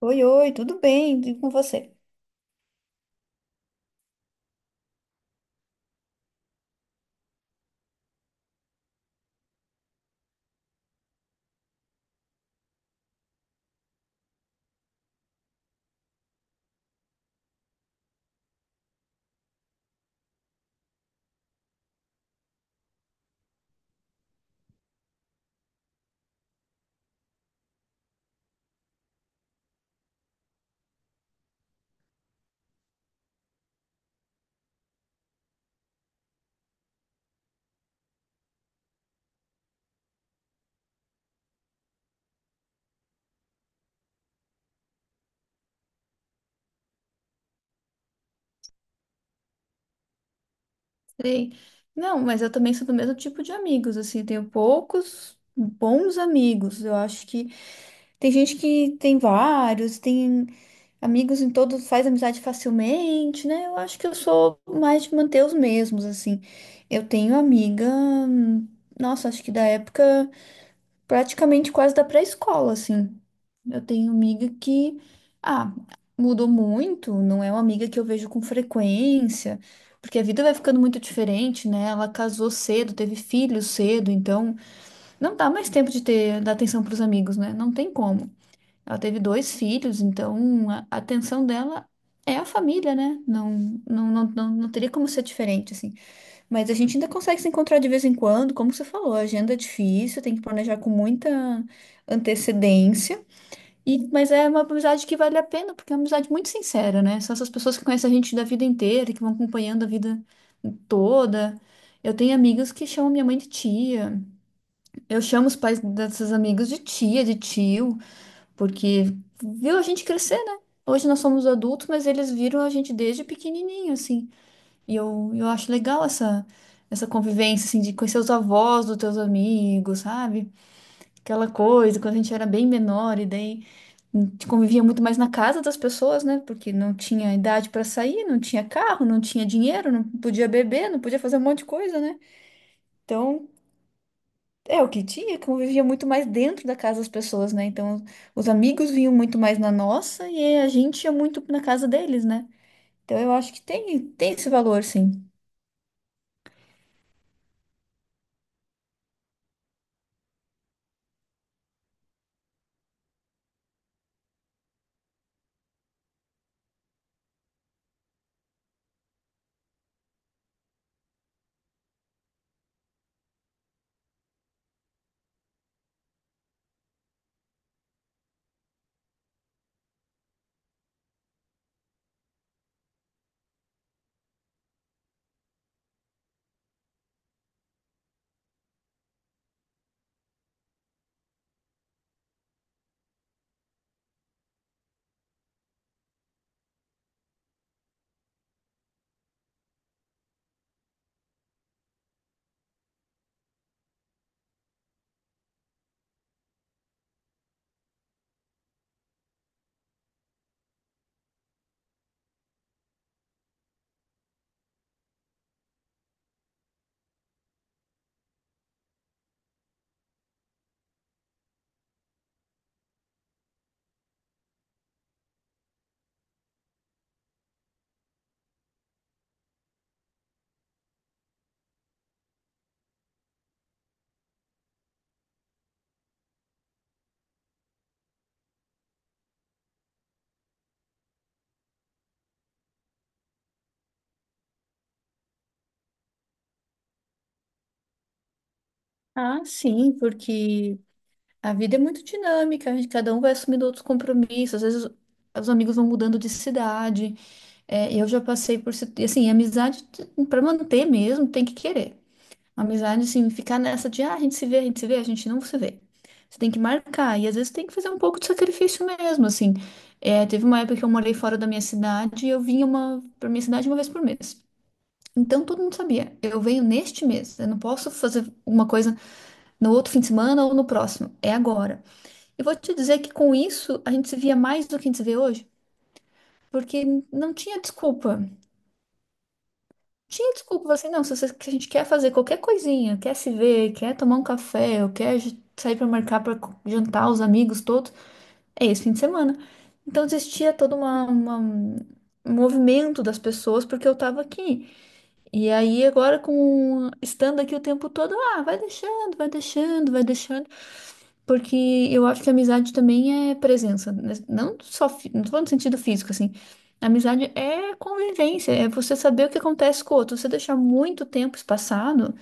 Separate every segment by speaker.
Speaker 1: Oi, oi, tudo bem? E com você? Sei. Não, mas eu também sou do mesmo tipo de amigos, assim, tenho poucos bons amigos. Eu acho que tem gente que tem vários, tem amigos em todos, faz amizade facilmente, né? Eu acho que eu sou mais de manter os mesmos, assim. Eu tenho amiga, nossa, acho que da época, praticamente quase da pré-escola, assim. Eu tenho amiga que, ah, mudou muito, não é uma amiga que eu vejo com frequência, porque a vida vai ficando muito diferente, né? Ela casou cedo, teve filhos cedo, então não dá mais tempo de ter dar atenção para os amigos, né? Não tem como. Ela teve dois filhos, então a atenção dela é a família, né? Não, não, não, não, não teria como ser diferente, assim. Mas a gente ainda consegue se encontrar de vez em quando, como você falou, a agenda é difícil, tem que planejar com muita antecedência. E, mas é uma amizade que vale a pena, porque é uma amizade muito sincera, né? São essas pessoas que conhecem a gente da vida inteira, que vão acompanhando a vida toda. Eu tenho amigas que chamam minha mãe de tia. Eu chamo os pais dessas amigas de tia, de tio, porque viu a gente crescer, né? Hoje nós somos adultos, mas eles viram a gente desde pequenininho, assim. E eu acho legal essa convivência, assim, de conhecer os avós dos teus amigos, sabe? Aquela coisa, quando a gente era bem menor, e daí a gente convivia muito mais na casa das pessoas, né? Porque não tinha idade para sair, não tinha carro, não tinha dinheiro, não podia beber, não podia fazer um monte de coisa, né? Então, é o que tinha, convivia muito mais dentro da casa das pessoas, né? Então, os amigos vinham muito mais na nossa e a gente ia muito na casa deles, né? Então, eu acho que tem esse valor, sim. Ah, sim, porque a vida é muito dinâmica, cada um vai assumindo outros compromissos, às vezes os amigos vão mudando de cidade. É, eu já passei por situ- e, assim, amizade para manter mesmo tem que querer. Amizade assim, ficar nessa de ah, a gente se vê, a gente se vê, a gente não se vê. Você tem que marcar e às vezes tem que fazer um pouco de sacrifício mesmo, assim. É, teve uma época que eu morei fora da minha cidade e eu vinha uma para minha cidade uma vez por mês. Então todo mundo sabia, eu venho neste mês, eu não posso fazer uma coisa no outro fim de semana ou no próximo, é agora. Eu vou te dizer que com isso a gente se via mais do que a gente se vê hoje, porque não tinha desculpa. Tinha desculpa, assim, não, se você, que a gente quer fazer qualquer coisinha, quer se ver, quer tomar um café, ou sair para marcar para jantar os amigos todos, é esse fim de semana. Então existia um movimento das pessoas porque eu estava aqui. E aí agora com estando aqui o tempo todo, ah, vai deixando, vai deixando, vai deixando. Porque eu acho que amizade também é presença, né? Não só, não tô falando no sentido físico, assim. Amizade é convivência, é você saber o que acontece com o outro. Você deixar muito tempo espaçado,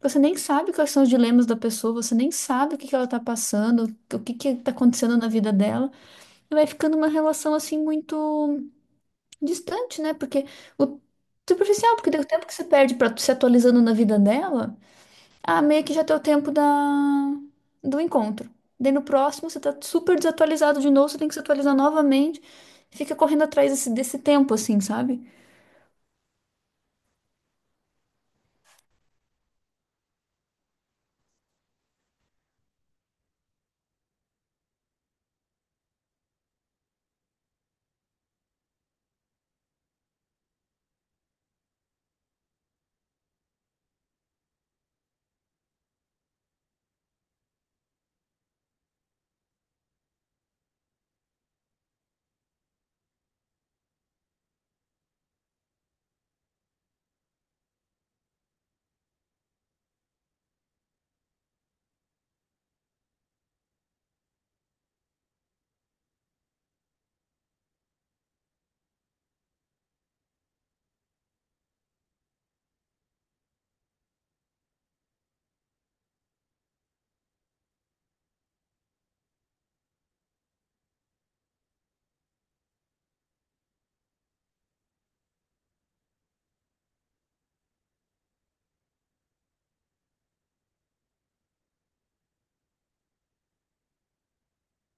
Speaker 1: você nem sabe quais são os dilemas da pessoa, você nem sabe o que que ela tá passando, o que que tá acontecendo na vida dela. E vai ficando uma relação, assim, muito distante, né? Porque o superficial, porque deu tempo que você perde pra se atualizando na vida dela. Ah, meio que já deu tempo da... do encontro. Daí no próximo você tá super desatualizado de novo, você tem que se atualizar novamente. Fica correndo atrás desse tempo, assim, sabe?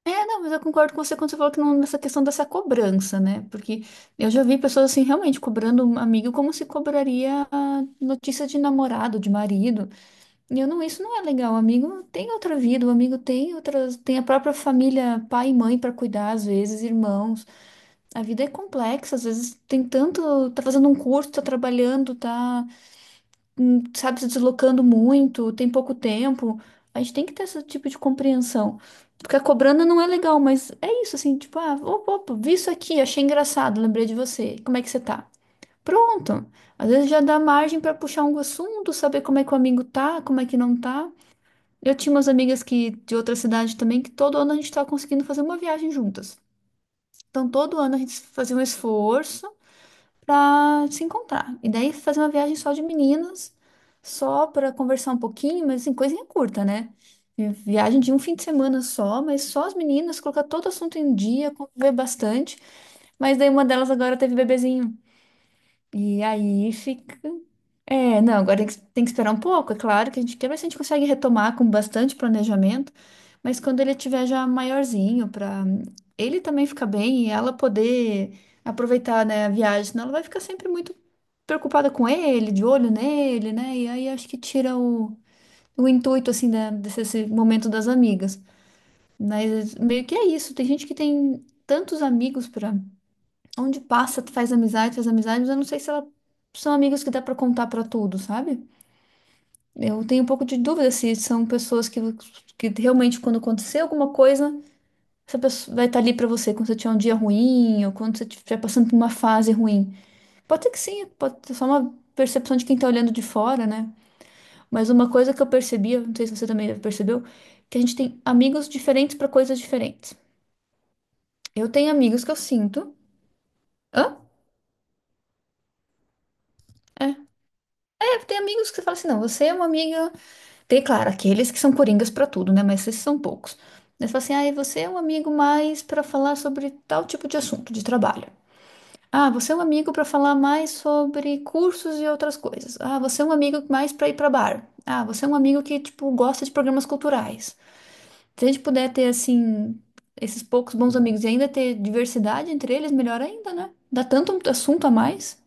Speaker 1: É, não, mas eu concordo com você quando você falou que não, nessa questão dessa cobrança, né? Porque eu já vi pessoas, assim, realmente cobrando um amigo como se cobraria a notícia de namorado, de marido. E eu não, isso não é legal. O amigo tem outra vida, o amigo tem outras, tem a própria família, pai e mãe para cuidar, às vezes, irmãos. A vida é complexa, às vezes tem tanto, tá fazendo um curso, tá trabalhando, tá, sabe, se deslocando muito, tem pouco tempo. A gente tem que ter esse tipo de compreensão. Ficar cobrando não é legal, mas é isso, assim, tipo, ah, opa, opa, vi isso aqui, achei engraçado, lembrei de você. Como é que você tá? Pronto. Às vezes já dá margem pra puxar um assunto, saber como é que o amigo tá, como é que não tá. Eu tinha umas amigas que de outra cidade também que todo ano a gente tava conseguindo fazer uma viagem juntas. Então todo ano a gente fazia um esforço para se encontrar. E daí fazer uma viagem só de meninas, só para conversar um pouquinho, mas assim, coisinha curta, né? Viagem de um fim de semana só, mas só as meninas, colocar todo assunto em dia, conviver bastante. Mas daí uma delas agora teve bebezinho. E aí fica. É, não, agora tem que esperar um pouco, é claro que a gente quer ver se a gente consegue retomar com bastante planejamento, mas quando ele tiver já maiorzinho, para ele também ficar bem e ela poder aproveitar, né, a viagem, senão ela vai ficar sempre muito preocupada com ele, de olho nele, né? E aí acho que tira o intuito, assim, desse esse momento das amigas. Mas meio que é isso, tem gente que tem tantos amigos para onde passa, tu faz amizade, mas eu não sei se ela são amigos que dá pra contar pra tudo, sabe? Eu tenho um pouco de dúvida se são pessoas que realmente, quando acontecer alguma coisa, essa pessoa vai estar ali pra você quando você tiver um dia ruim ou quando você estiver passando por uma fase ruim. Pode ser que sim, pode ser só uma percepção de quem tá olhando de fora, né? Mas uma coisa que eu percebi, não sei se você também percebeu, que a gente tem amigos diferentes pra coisas diferentes. Eu tenho amigos que eu sinto. Hã? É, tem amigos que você fala assim, não, você é uma amiga. Tem, claro, aqueles que são coringas pra tudo, né? Mas esses são poucos. Eles falam assim: ah, e você é um amigo mais pra falar sobre tal tipo de assunto de trabalho. Ah, você é um amigo pra falar mais sobre cursos e outras coisas. Ah, você é um amigo mais pra ir pra bar. Ah, você é um amigo que, tipo, gosta de programas culturais. Se a gente puder ter, assim, esses poucos bons amigos e ainda ter diversidade entre eles, melhor ainda, né? Dá tanto assunto a mais.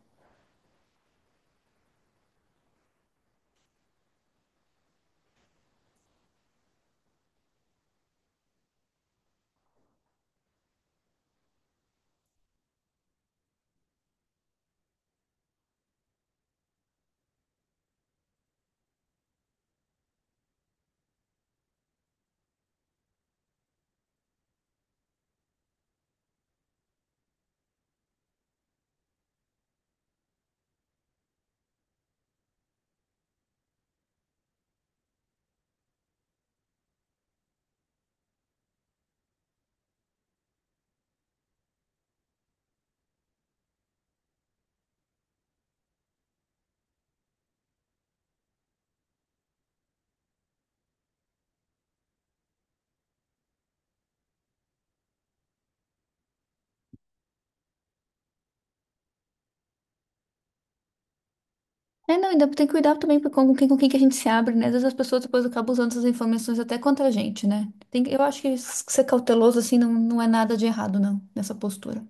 Speaker 1: É, não, ainda tem que cuidar também com quem que a gente se abre, né? Às vezes as pessoas depois acabam usando essas informações até contra a gente, né? Tem, eu acho que ser cauteloso, assim, não, não é nada de errado, não, nessa postura.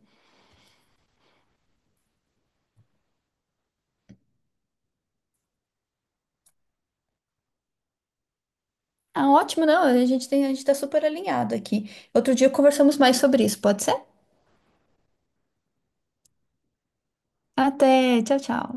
Speaker 1: Ah, ótimo, não, a gente tá super alinhado aqui. Outro dia conversamos mais sobre isso, pode ser? Até, tchau, tchau.